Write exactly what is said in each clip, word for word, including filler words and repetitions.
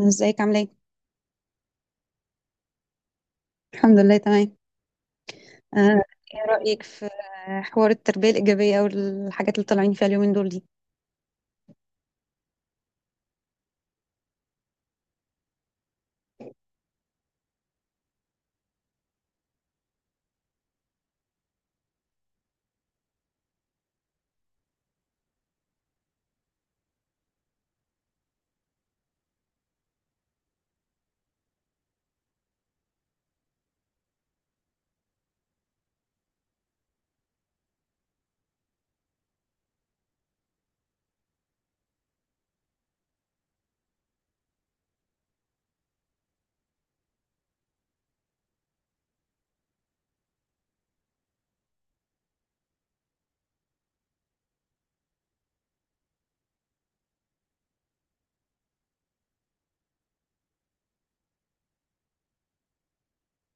ازيك عامله ايه؟ الحمد لله تمام. آه، ايه رأيك في آه، حوار التربية الإيجابية او الحاجات اللي طالعين فيها اليومين دول دي؟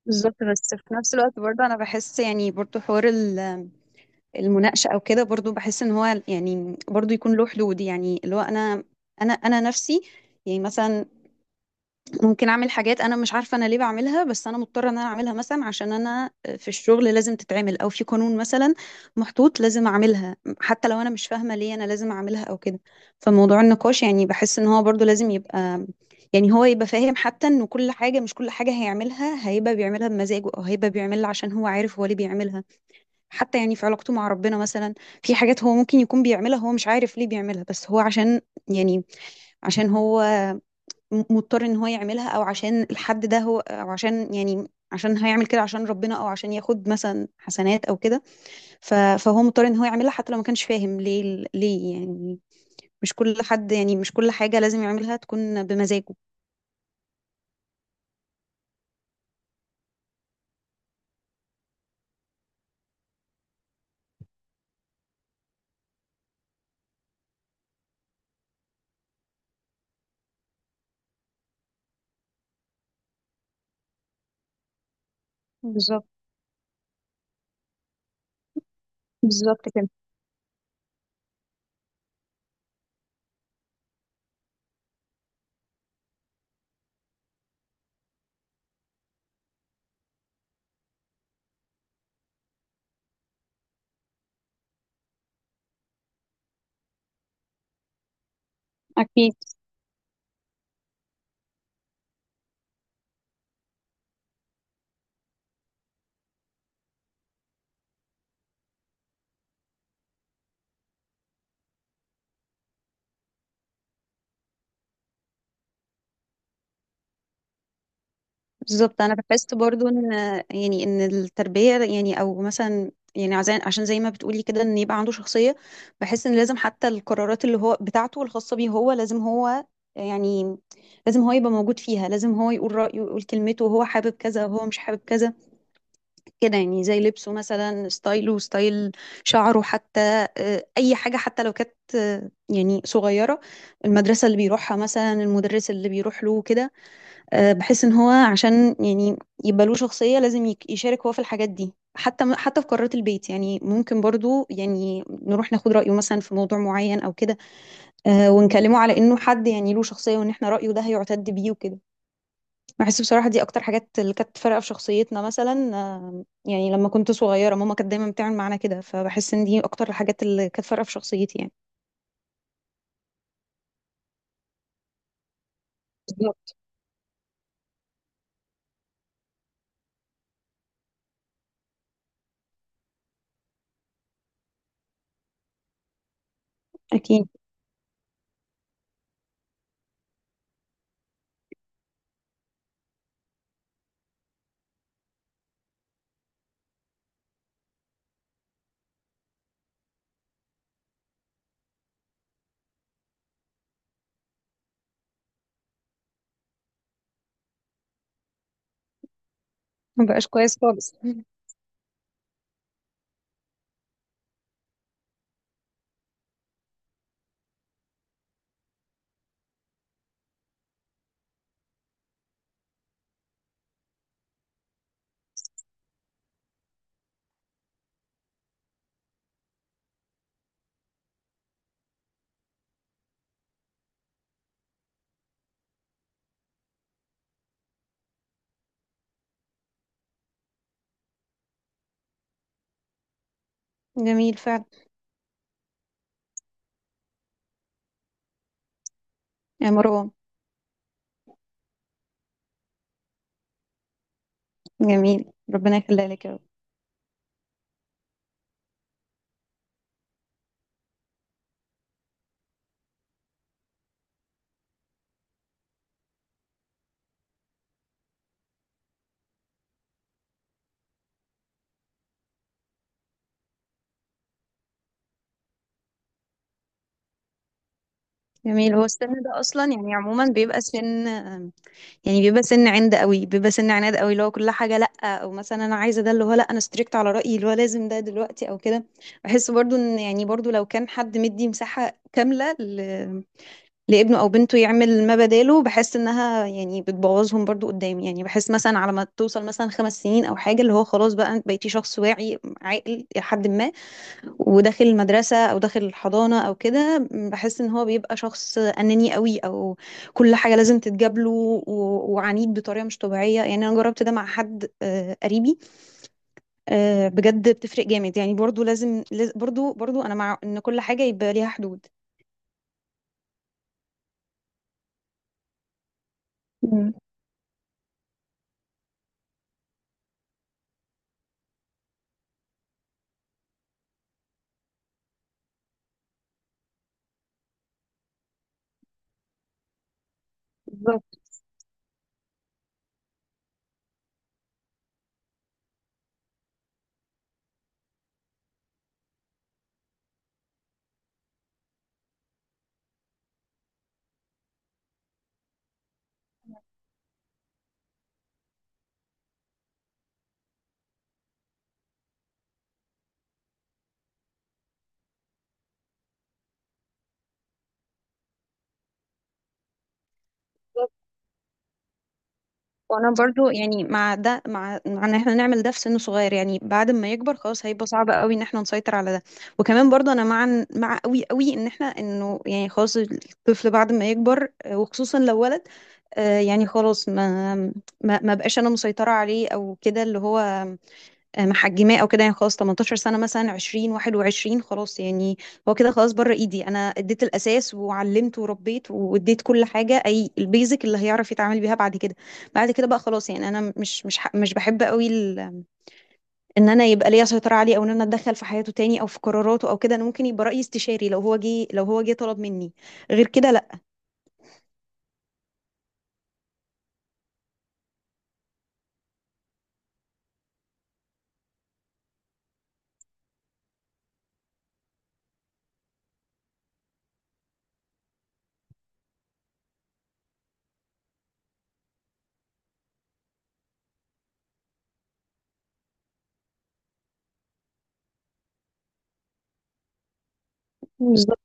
بالظبط، بس في نفس الوقت برضه انا بحس يعني برضه حوار ال- المناقشة او كده برضه بحس ان هو يعني برضه يكون له حدود، يعني اللي هو انا انا انا نفسي يعني مثلا ممكن اعمل حاجات انا مش عارفه انا ليه بعملها، بس انا مضطره ان انا اعملها مثلا عشان انا في الشغل لازم تتعمل او في قانون مثلا محطوط لازم اعملها حتى لو انا مش فاهمه ليه انا لازم اعملها او كده. فموضوع النقاش يعني بحس ان هو برضو لازم يبقى يعني هو يبقى فاهم، حتى ان كل حاجه مش كل حاجه هيعملها هيبقى بيعملها بمزاجه او هيبقى بيعملها عشان هو عارف هو ليه بيعملها. حتى يعني في علاقته مع ربنا مثلا، في حاجات هو ممكن يكون بيعملها هو مش عارف ليه بيعملها، بس هو عشان يعني عشان هو م- مضطر ان هو يعملها، او عشان الحد ده هو، او عشان يعني عشان هيعمل كده عشان ربنا، او عشان ياخد مثلا حسنات او كده. ف- فهو مضطر ان هو يعملها حتى لو ما كانش فاهم ليه ال- ليه يعني. مش كل حد يعني مش كل حاجة لازم يعملها تكون بمزاجه. بالظبط. بالظبط كده. أكيد. بالظبط، انا بحس برضو ان يعني ان التربيه يعني او مثلا يعني عزان- عشان زي ما بتقولي كده ان يبقى عنده شخصيه، بحس ان لازم حتى القرارات اللي هو بتاعته الخاصه بيه هو لازم هو يعني لازم هو يبقى موجود فيها، لازم هو يقول رايه ويقول كلمته، وهو حابب كذا وهو مش حابب كذا كده. يعني زي لبسه مثلا، ستايله ستايل شعره حتى، آه، اي حاجه حتى لو كانت آه، يعني صغيره، المدرسه اللي بيروحها مثلا، المدرس اللي بيروح له كده. آه، بحس ان هو عشان يعني يبقى له شخصية لازم يك- يشارك هو في الحاجات دي. حتى حتى في قرارات البيت يعني ممكن برضو يعني نروح ناخد رأيه مثلا في موضوع معين او كده. آه، ونكلمه على انه حد يعني له شخصية، وان احنا رأيه ده هيعتد بيه وكده. بحس بصراحة دي اكتر حاجات اللي كانت فارقة في شخصيتنا مثلا. آه، يعني لما كنت صغيرة ماما كانت دايما بتعمل معانا كده، فبحس ان دي اكتر الحاجات اللي كانت فارقة في شخصيتي يعني. بالظبط. اكيد. مبقاش كويس خالص. جميل فعلا. يا مروة. جميل، ربنا يخليها لك يا رب. جميل، هو السن ده اصلا يعني عموما بيبقى سن، يعني بيبقى سن عند قوي، بيبقى سن عناد قوي، اللي هو كل حاجه لا، او مثلا انا عايزه ده، اللي هو لا انا ستريكت على رايي، اللي هو لازم ده دلوقتي او كده. بحس برضو ان يعني برضو لو كان حد مدي مساحه كامله ل... لابنه او بنته يعمل ما بداله، بحس انها يعني بتبوظهم برضو قدام. يعني بحس مثلا على ما توصل مثلا خمس سنين او حاجه، اللي هو خلاص بقى انت بقيتي شخص واعي عاقل الى حد ما، وداخل المدرسة أو داخل الحضانة أو كده، بحس إن هو بيبقى شخص أناني قوي، أو كل حاجة لازم تتجاب له، و- وعنيد بطريقة مش طبيعية. يعني أنا جربت ده مع حد آه، قريبي، آه، بجد بتفرق جامد. يعني برضو لازم لاز- برضو برضو أنا مع إن كل حاجة يبقى ليها حدود. مم. بالظبط، وانا برضو يعني مع ده مع مع ان احنا نعمل ده في سن صغير، يعني بعد ما يكبر خلاص هيبقى صعب قوي ان احنا نسيطر على ده. وكمان برضو انا مع إن- مع قوي قوي ان احنا انه يعني خلاص الطفل بعد ما يكبر، آه، وخصوصا لو ولد، آه، يعني خلاص ما ما ما بقاش انا مسيطرة عليه او كده، اللي هو آه، محجماه او كده. يعني خلاص تمنتاشر سنه مثلا عشرين واحد وعشرين خلاص يعني، هو كده خلاص بره ايدي، انا اديت الاساس وعلمته وربيت واديت كل حاجه، اي البيزك اللي هيعرف يتعامل بيها بعد كده. بعد كده بقى خلاص يعني انا مش مش ح- مش بحب قوي ال- ان انا يبقى ليا سيطره عليه، او ان انا اتدخل في حياته تاني او في قراراته او كده. انا ممكن يبقى رايي استشاري لو هو جه، لو هو جه طلب مني، غير كده لا. بالظبط.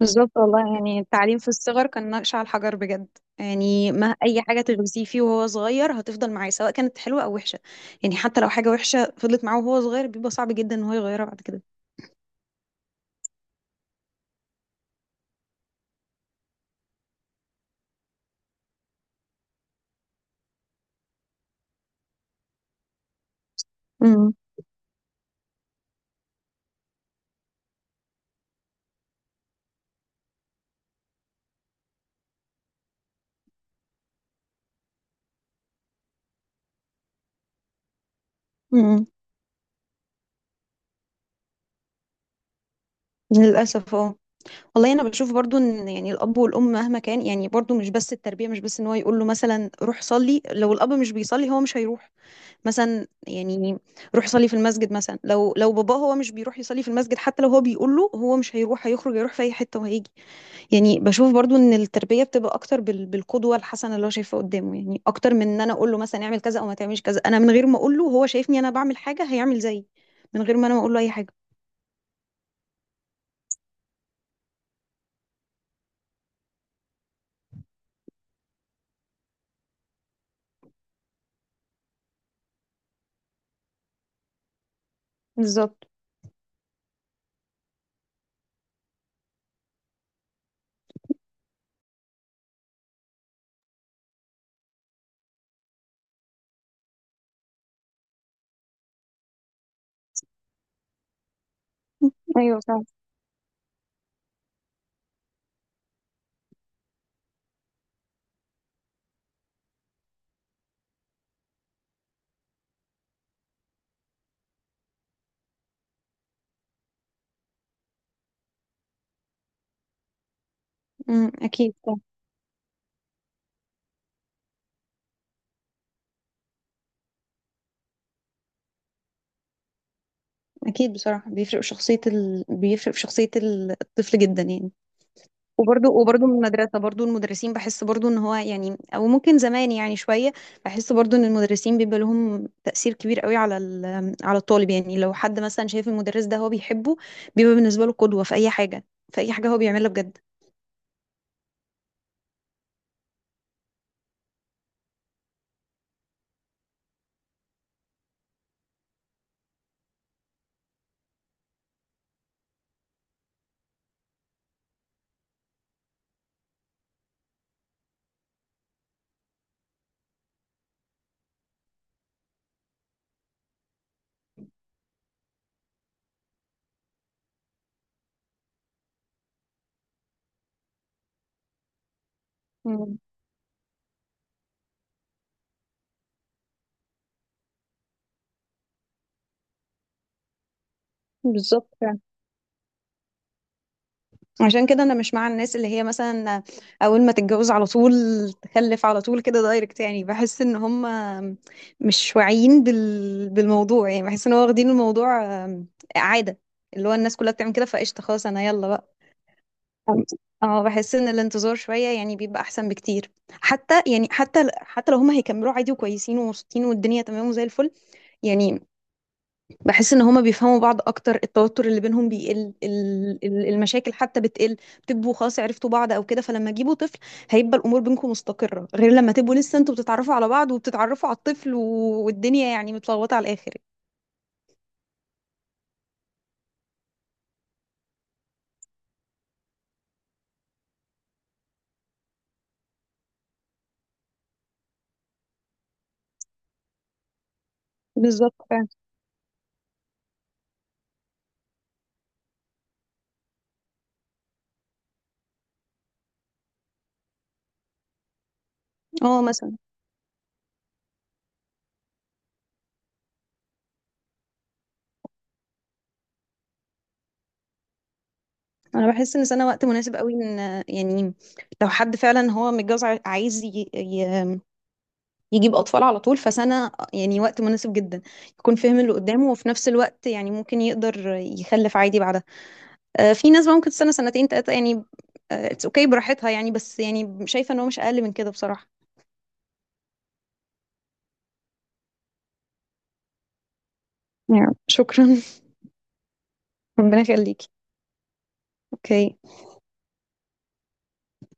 بالظبط، والله يعني التعليم في الصغر كان نقش على الحجر بجد، يعني ما اي حاجه تغرسيه فيه وهو صغير هتفضل معاه سواء كانت حلوه او وحشه. يعني حتى لو حاجه وحشه فضلت معاه وهو صغير، بيبقى صعب جدا ان هو يغيرها بعد كده. امم. امم، للاسف اه. والله انا بشوف برضو ان يعني الاب والام مهما كان، يعني برضو مش بس التربيه، مش بس ان هو يقول له مثلا روح صلي، لو الاب مش بيصلي هو مش هيروح، مثلا يعني. روح صلي في المسجد مثلا، لو لو باباه هو مش بيروح يصلي في المسجد، حتى لو هو بيقول له هو مش هيروح، هيخرج يروح في اي حته وهيجي. يعني بشوف برضو ان التربيه بتبقى اكتر بال- بالقدوه الحسنه اللي هو شايفها قدامه، يعني اكتر من ان انا اقول له مثلا اعمل كذا او ما تعملش كذا. انا من غير ما اقول له، هو شايفني انا بعمل حاجه هيعمل زيي من غير ما انا اقول له اي حاجه. بالظبط. ايوه فعلا. امم، اكيد صح. اكيد، بصراحه بيفرق في شخصيه ال... بيفرق في شخصيه الطفل جدا يعني. وبرضو وبرضو من المدرسة، برضو المدرسين بحس برضو ان هو يعني او ممكن زمان يعني شوية، بحس برضو ان المدرسين بيبقى لهم تأثير كبير قوي على ال- على الطالب. يعني لو حد مثلا شايف المدرس ده هو بيحبه، بيبقى بالنسبة له قدوة في اي حاجة، في اي حاجة هو بيعملها بجد. مم. بالظبط. عشان كده انا مش مع الناس اللي هي مثلا اول ما تتجوز على طول تخلف على طول كده دايركت. يعني بحس ان هم مش واعيين بال... بالموضوع، يعني بحس ان هو واخدين الموضوع آم، عادة، اللي هو الناس كلها بتعمل كده فقشطة خلاص انا يلا بقى. اه، بحس ان الانتظار شوية يعني بيبقى احسن بكتير، حتى يعني حتى حتى لو هم هيكملوا عادي وكويسين ومبسوطين والدنيا تمام وزي الفل يعني. بحس ان هما بيفهموا بعض اكتر، التوتر اللي بينهم بيقل، ال- ال- المشاكل حتى بتقل، بتبقوا خلاص عرفتوا بعض او كده. فلما تجيبوا طفل هيبقى الامور بينكم مستقرة، غير لما تبقوا لسه انتوا بتتعرفوا على بعض وبتتعرفوا على الطفل، و- والدنيا يعني متلخبطة على الاخر. بالظبط فعلا. اه مثلا، انا بحس ان سنة وقت مناسب قوي ان يعني لو حد فعلا هو متجوز ع- عايز ي- ي- يجيب اطفال على طول، فسنة يعني وقت مناسب جدا، يكون فاهم اللي قدامه، وفي نفس الوقت يعني ممكن يقدر يخلف عادي بعدها. آه، في ناس بقى ممكن تستنى سنتين تلاتة يعني، اتس اوكي براحتها يعني، بس يعني شايفة ان هو مش اقل من كده بصراحة. يعني شكرا. ربنا يخليكي. اوكي.